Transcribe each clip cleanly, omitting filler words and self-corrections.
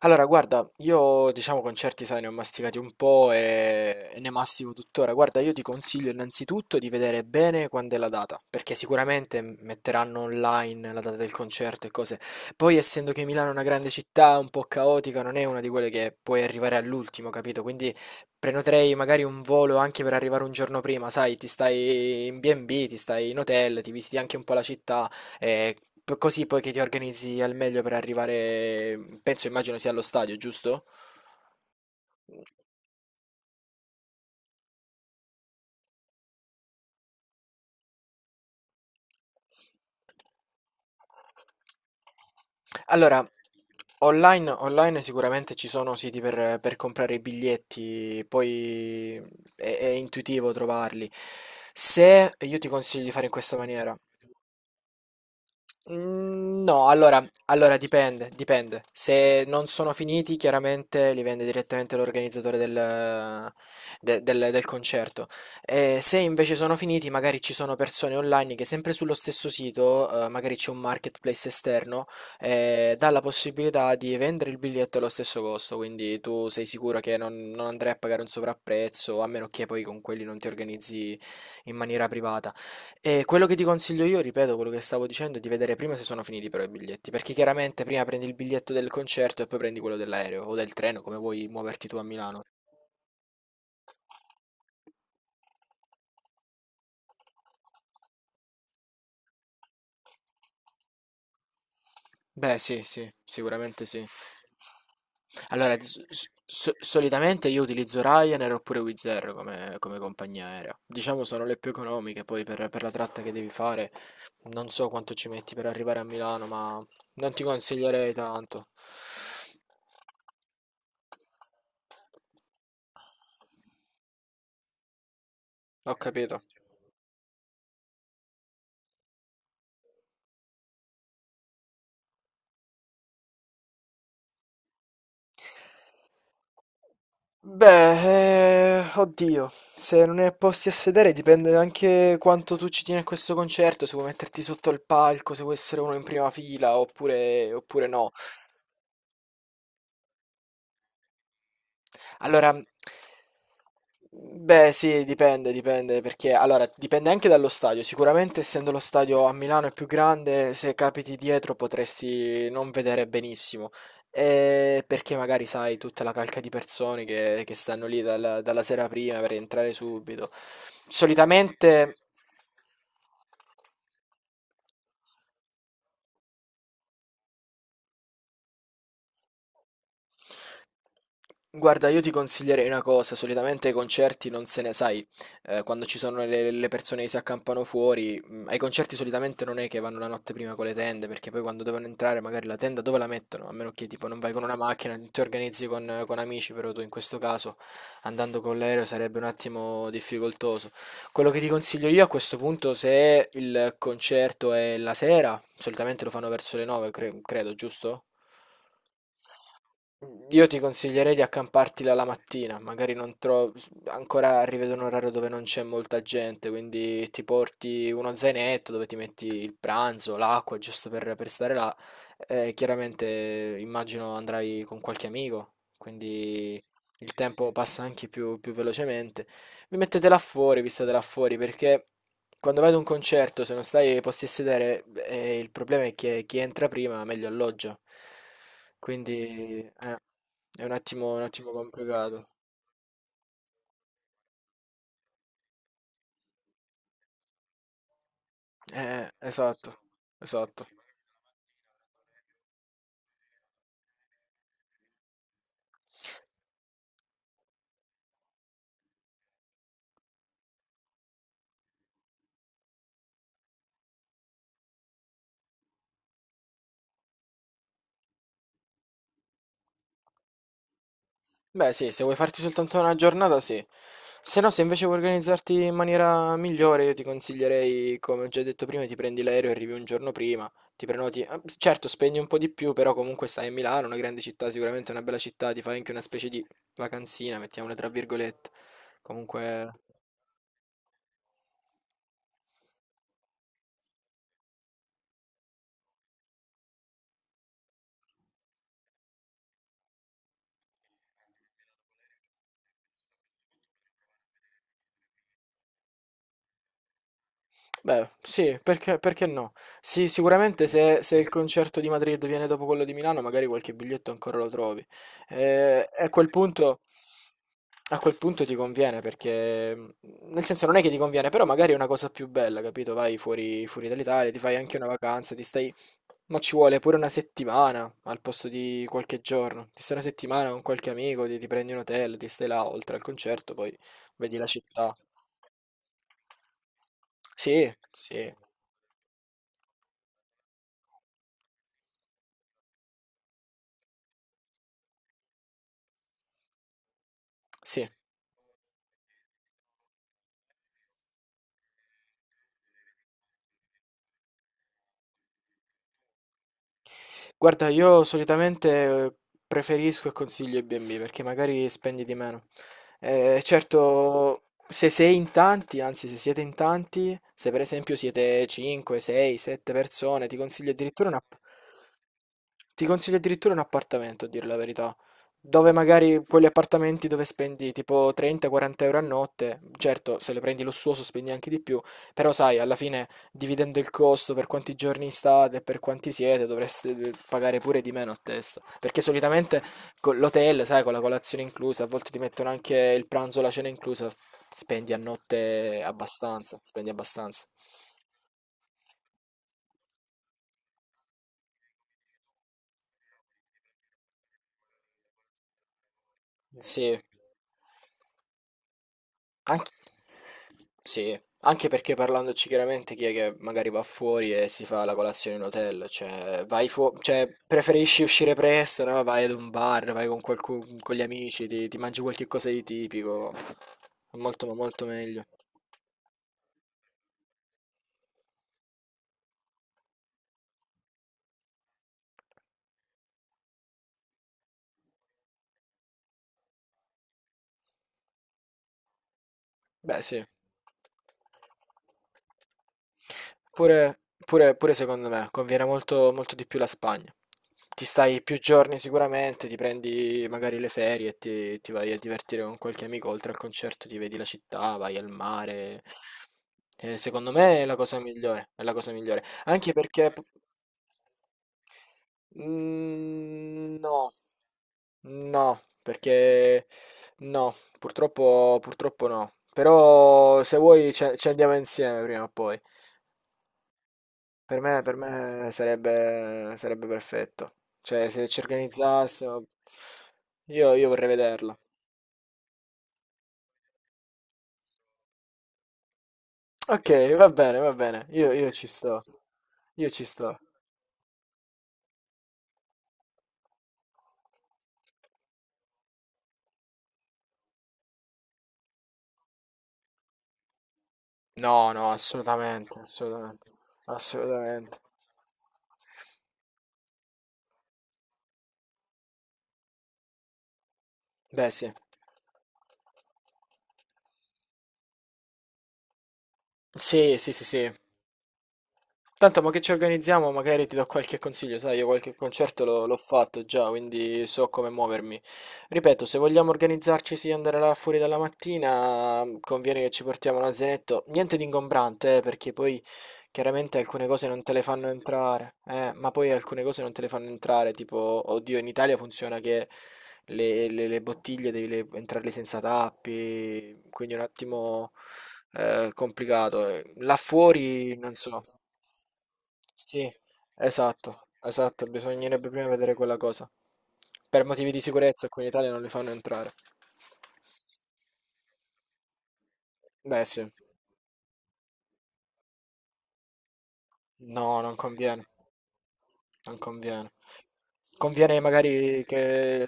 Allora, guarda, io diciamo concerti, sai, ne ho masticati un po' e ne mastico tuttora. Guarda, io ti consiglio innanzitutto di vedere bene quando è la data, perché sicuramente metteranno online la data del concerto e cose. Poi, essendo che Milano è una grande città, un po' caotica, non è una di quelle che puoi arrivare all'ultimo, capito? Quindi prenoterei magari un volo anche per arrivare un giorno prima, sai, ti stai in B&B, ti stai in hotel, ti visiti anche un po' la città. Eh, Così poi che ti organizzi al meglio per arrivare, penso, immagino sia allo stadio, giusto? Allora, online sicuramente ci sono siti per comprare i biglietti, poi è intuitivo trovarli. Se io ti consiglio di fare in questa maniera. Mm, no, allora dipende, dipende. Se non sono finiti, chiaramente li vende direttamente l'organizzatore del concerto. E se invece sono finiti, magari ci sono persone online che sempre sullo stesso sito, magari c'è un marketplace esterno, dà la possibilità di vendere il biglietto allo stesso costo, quindi tu sei sicuro che non andrai a pagare un sovrapprezzo, a meno che poi con quelli non ti organizzi in maniera privata. E quello che ti consiglio io, ripeto quello che stavo dicendo, è di vedere prima se sono finiti però i biglietti, perché chiaramente prima prendi il biglietto del concerto e poi prendi quello dell'aereo o del treno, come vuoi muoverti tu a Milano. Beh, sì, sì, sicuramente sì. Allora, di solitamente io utilizzo Ryanair oppure Wizz Air come, come compagnia aerea. Diciamo sono le più economiche, poi per la tratta che devi fare, non so quanto ci metti per arrivare a Milano, ma non ti consiglierei tanto. Ho capito. Beh, oddio, se non hai posti a sedere dipende anche quanto tu ci tieni a questo concerto, se vuoi metterti sotto il palco, se vuoi essere uno in prima fila oppure, oppure no. Allora, beh, sì, dipende, dipende, perché allora dipende anche dallo stadio. Sicuramente, essendo lo stadio a Milano è più grande, se capiti dietro potresti non vedere benissimo. Perché magari sai tutta la calca di persone che stanno lì dalla sera prima per entrare subito. Solitamente. Guarda, io ti consiglierei una cosa, solitamente ai concerti non se ne, sai, quando ci sono le persone che si accampano fuori, ai concerti solitamente non è che vanno la notte prima con le tende, perché poi quando devono entrare magari la tenda dove la mettono? A meno che tipo non vai con una macchina, ti organizzi con amici, però tu in questo caso andando con l'aereo sarebbe un attimo difficoltoso. Quello che ti consiglio io a questo punto, se il concerto è la sera, solitamente lo fanno verso le 9, credo, giusto? Io ti consiglierei di accamparti là la mattina, magari non trovi, ancora arrivi ad un orario dove non c'è molta gente, quindi ti porti uno zainetto dove ti metti il pranzo, l'acqua, giusto per stare là. Chiaramente immagino andrai con qualche amico, quindi il tempo passa anche più velocemente. Vi mettete là fuori, vi state là fuori, perché quando vai ad un concerto, se non stai ai posti a sedere, il problema è che chi entra prima meglio alloggia. Quindi, è un attimo complicato. Esatto, esatto. Beh, sì, se vuoi farti soltanto una giornata, sì. Se no, se invece vuoi organizzarti in maniera migliore, io ti consiglierei, come ho già detto prima, ti prendi l'aereo e arrivi un giorno prima, ti prenoti. Eh, certo, spendi un po' di più, però comunque stai a Milano, una grande città, sicuramente una bella città, ti fai anche una specie di vacanzina, mettiamola tra virgolette. Comunque. Beh, sì, perché, perché no? Sì, sicuramente se, se il concerto di Madrid viene dopo quello di Milano, magari qualche biglietto ancora lo trovi. E a quel punto ti conviene, perché nel senso non è che ti conviene, però magari è una cosa più bella, capito? Vai fuori, fuori dall'Italia, ti fai anche una vacanza, ti stai... Ma ci vuole pure una settimana al posto di qualche giorno. Ti stai una settimana con qualche amico, ti prendi un hotel, ti stai là oltre al concerto, poi vedi la città. Sì, sì. Sì. Guarda, io solitamente eh, preferisco e consiglio i B&B perché magari spendi di meno. Certo, se sei in tanti, anzi se siete in tanti, se per esempio siete 5, 6, 7 persone, ti consiglio addirittura un appartamento, a dire la verità. Dove magari quegli appartamenti dove spendi tipo 30-40 € a notte, certo, se lo prendi lussuoso spendi anche di più, però sai, alla fine dividendo il costo per quanti giorni state e per quanti siete, dovreste pagare pure di meno a testa. Perché solitamente con l'hotel, sai, con la colazione inclusa, a volte ti mettono anche il pranzo, la cena inclusa, spendi a notte abbastanza, spendi abbastanza. Sì. Anch Sì, anche perché parlandoci chiaramente chi è che magari va fuori e si fa la colazione in hotel, cioè vai cioè preferisci uscire presto, no? Vai ad un bar, vai con qualcuno, con gli amici, ti mangi qualche cosa di tipico, è molto ma molto meglio. Beh, sì. Pure, pure secondo me conviene molto, molto di più la Spagna. Ti stai più giorni sicuramente, ti prendi magari le ferie e ti vai a divertire con qualche amico, oltre al concerto ti vedi la città, vai al mare. Secondo me è la cosa migliore, è la cosa migliore. Anche perché... Mm, no, No, perché no, purtroppo, purtroppo no. Però se vuoi ci andiamo insieme prima o poi. Per me sarebbe, sarebbe perfetto. Cioè, se ci organizzassimo, io vorrei vederla. Ok, va bene, va bene. Io ci sto. Io ci sto. No, no, assolutamente, assolutamente. Assolutamente. Beh, sì. Sì, sì, sì, sì. Tanto, ma che ci organizziamo? Magari ti do qualche consiglio, sai, io qualche concerto l'ho fatto già, quindi so come muovermi. Ripeto, se vogliamo organizzarci, sì, andare là fuori dalla mattina, conviene che ci portiamo l'azionetto. Niente di ingombrante, perché poi chiaramente alcune cose non te le fanno entrare, ma poi alcune cose non te le fanno entrare, tipo, oddio, in Italia funziona che le bottiglie devi entrarle senza tappi, quindi un attimo è complicato. Là fuori, non so. Sì, esatto, esatto. Bisognerebbe prima vedere quella cosa. Per motivi di sicurezza qui in Italia non li fanno entrare. Beh, sì. No, non conviene, non conviene. Conviene magari che...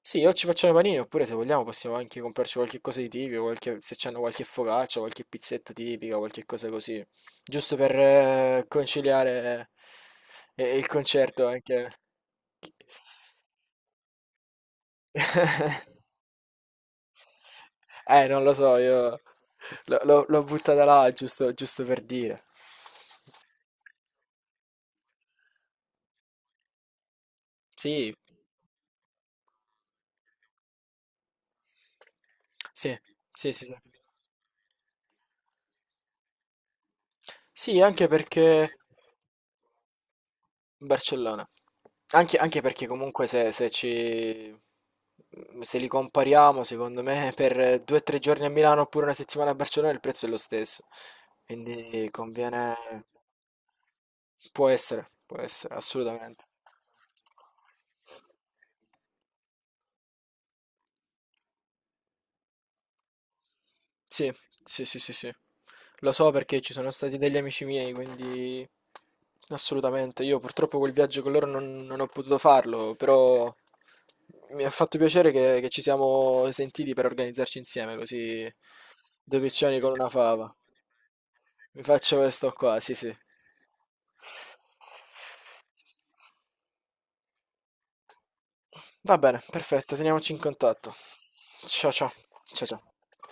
Sì, o ci facciamo i panini, oppure se vogliamo possiamo anche comprarci qualche cosa di tipico, qualche- se c'hanno qualche focaccia, qualche pizzetta tipica, qualche cosa così. Giusto per conciliare il concerto anche. Non lo so, io l'ho buttata là giusto, giusto per dire. Sì, sì, sì, sì, sì. Sì, anche perché Barcellona. Anche, anche perché comunque se, se li compariamo, secondo me, per 2 o 3 giorni a Milano oppure una settimana a Barcellona il prezzo è lo stesso. Quindi conviene... può essere, assolutamente. Sì, sì, sì, sì, sì. Lo so perché ci sono stati degli amici miei, quindi assolutamente. Io purtroppo quel viaggio con loro non ho potuto farlo, però mi ha fatto piacere che ci siamo sentiti per organizzarci insieme, così due piccioni con una fava. Mi faccio questo qua, sì, sì. Va bene, perfetto, teniamoci in contatto. Ciao ciao, ciao ciao.